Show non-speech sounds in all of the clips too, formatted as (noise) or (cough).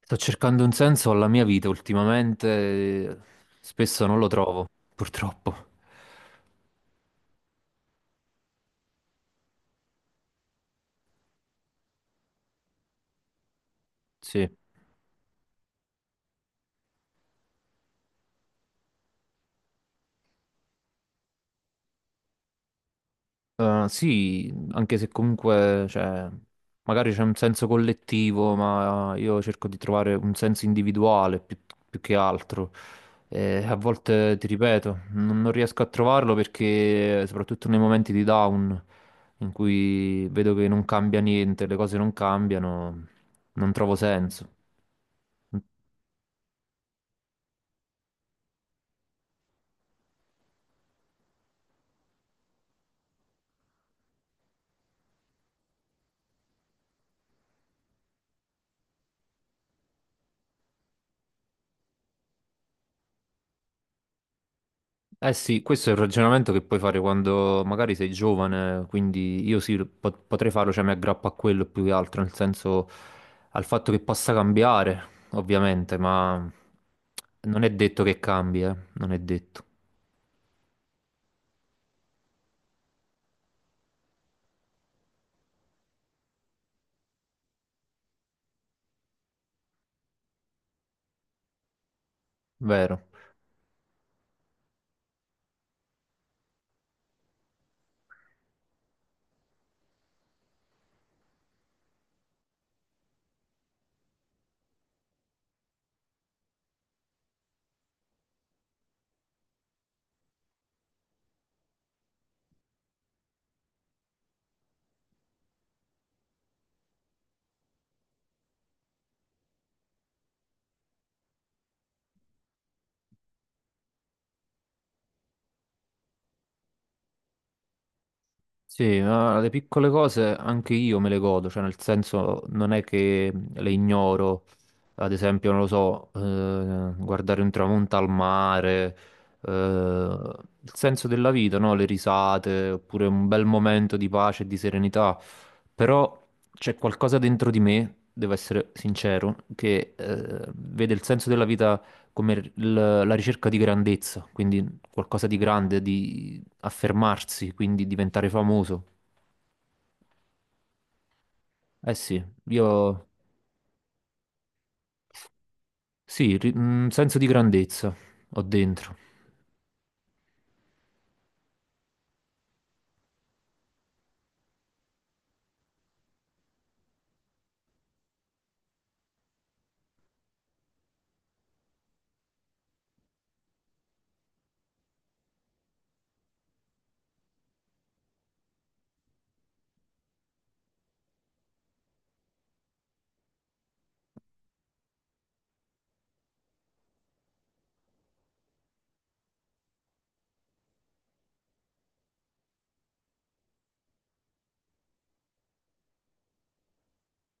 Sto cercando un senso alla mia vita ultimamente, spesso non lo trovo, purtroppo. Sì. Sì, anche se comunque, cioè, magari c'è un senso collettivo, ma io cerco di trovare un senso individuale più, più che altro. E a volte, ti ripeto, non riesco a trovarlo perché, soprattutto nei momenti di down, in cui vedo che non cambia niente, le cose non cambiano, non trovo senso. Eh sì, questo è il ragionamento che puoi fare quando magari sei giovane, quindi io sì, potrei farlo, cioè mi aggrappo a quello più che altro, nel senso al fatto che possa cambiare, ovviamente, ma non è detto che cambi, non è detto, vero? Sì, ma le piccole cose anche io me le godo, cioè nel senso non è che le ignoro, ad esempio, non lo so, guardare un tramonto al mare, il senso della vita, no? Le risate, oppure un bel momento di pace e di serenità, però c'è qualcosa dentro di me, devo essere sincero, che vede il senso della vita come la ricerca di grandezza, quindi qualcosa di grande, affermarsi, quindi diventare famoso. Eh sì, io sì, un senso di grandezza ho dentro.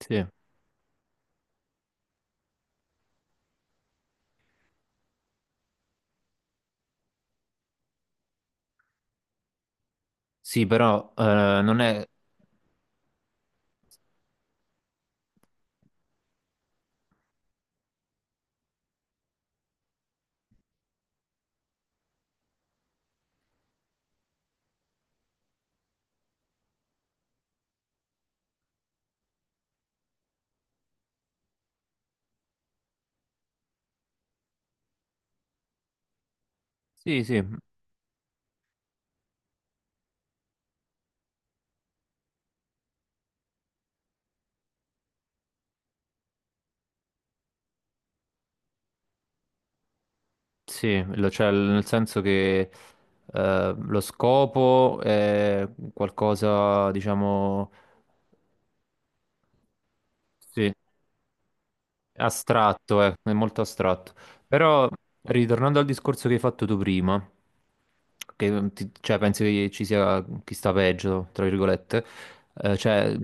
Sì, sì, però non è. Sì, sì, sì, cioè, nel senso che lo scopo è qualcosa, diciamo. Sì. Astratto, è molto astratto. Però, ritornando al discorso che hai fatto tu prima, che cioè, pensi che ci sia chi sta peggio, tra virgolette, cioè,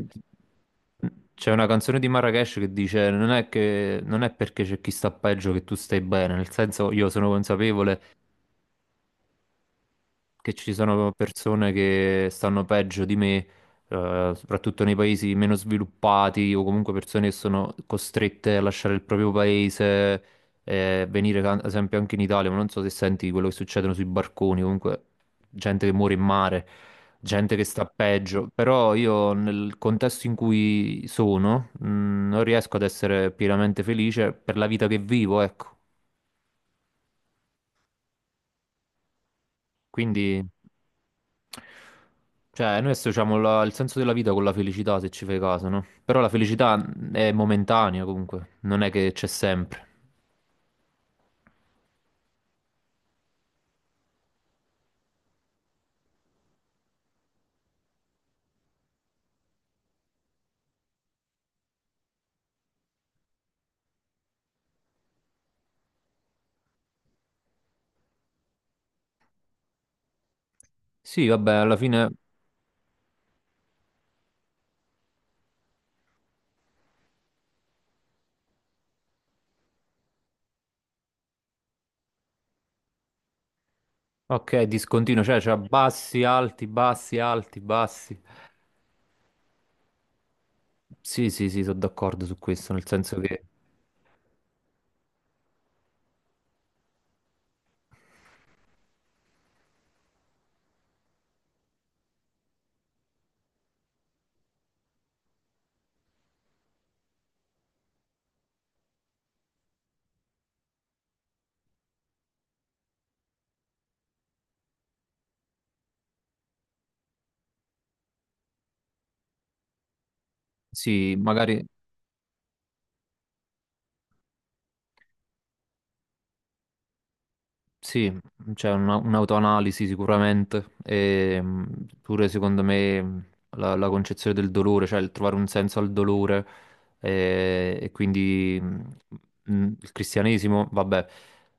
c'è una canzone di Marrakesh che dice non è perché c'è chi sta peggio che tu stai bene, nel senso io sono consapevole che ci sono persone che stanno peggio di me, soprattutto nei paesi meno sviluppati o comunque persone che sono costrette a lasciare il proprio paese, venire ad esempio anche in Italia, ma non so se senti quello che succedono sui barconi, comunque gente che muore in mare, gente che sta peggio, però io nel contesto in cui sono, non riesco ad essere pienamente felice per la vita che vivo, ecco. Quindi. Cioè, noi associamo il senso della vita con la felicità, se ci fai caso, no? Però la felicità è momentanea comunque, non è che c'è sempre. Sì, vabbè, alla fine, ok, discontinuo, cioè, c'è bassi, alti, bassi, alti, bassi. Sì, sì, sì, sono d'accordo su questo, nel senso che, sì, magari. Sì, c'è un'autoanalisi sicuramente, e pure secondo me la concezione del dolore, cioè il trovare un senso al dolore e, quindi il cristianesimo, vabbè,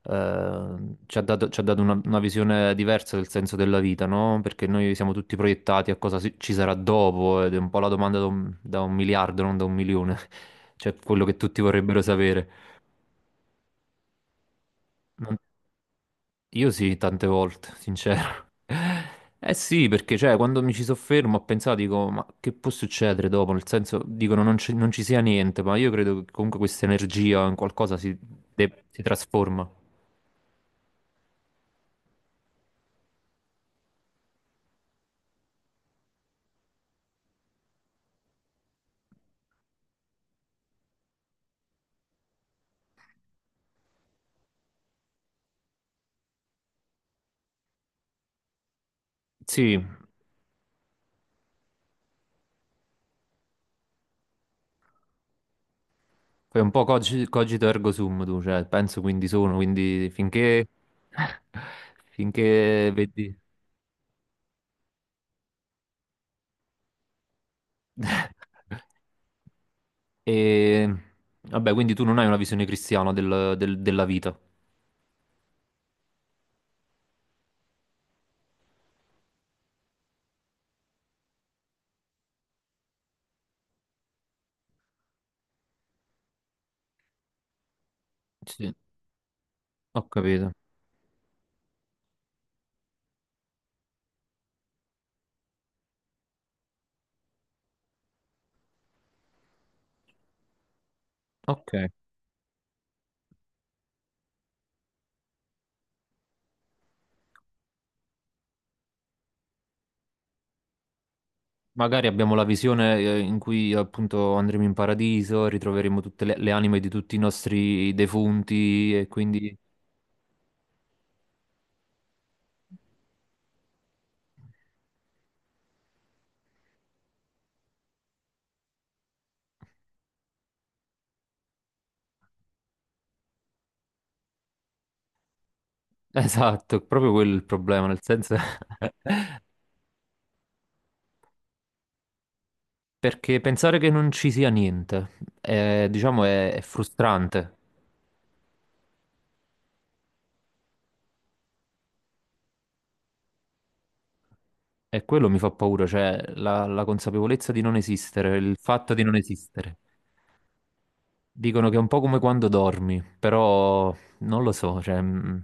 eh, ci ha dato una visione diversa del senso della vita, no? Perché noi siamo tutti proiettati a cosa ci sarà dopo ed è un po' la domanda da un miliardo, non da un milione, (laughs) cioè quello che tutti vorrebbero sapere. Io sì, tante volte, sincero. Eh sì, perché cioè, quando mi ci soffermo ho pensato, dico, ma che può succedere dopo? Nel senso, dicono non ci sia niente, ma io credo che comunque questa energia in qualcosa si trasforma. Sì, fai un po' cogito ergo sum tu, cioè, penso quindi sono, quindi finché. (laughs) Finché vedi. (laughs) E. Vabbè, quindi tu non hai una visione cristiana della vita. Sì, ho capito. Ok. Magari abbiamo la visione in cui appunto andremo in paradiso, ritroveremo tutte le anime di tutti i nostri defunti e quindi. (laughs) Esatto, proprio quello è il problema, nel senso. (laughs) Perché pensare che non ci sia niente, diciamo, è frustrante e quello mi fa paura, cioè la consapevolezza di non esistere, il fatto di non esistere. Dicono che è un po' come quando dormi, però non lo so, cioè.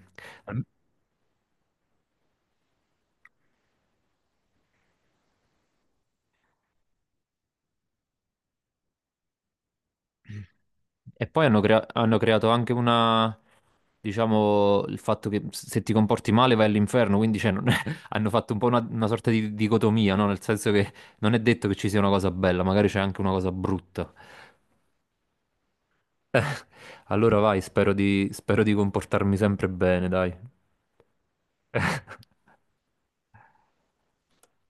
E poi hanno creato anche una, diciamo, il fatto che se ti comporti male vai all'inferno, quindi cioè, (laughs) hanno fatto un po' una, sorta di dicotomia, no? Nel senso che non è detto che ci sia una cosa bella, magari c'è anche una cosa brutta. (laughs) Allora vai, spero di comportarmi sempre bene, dai.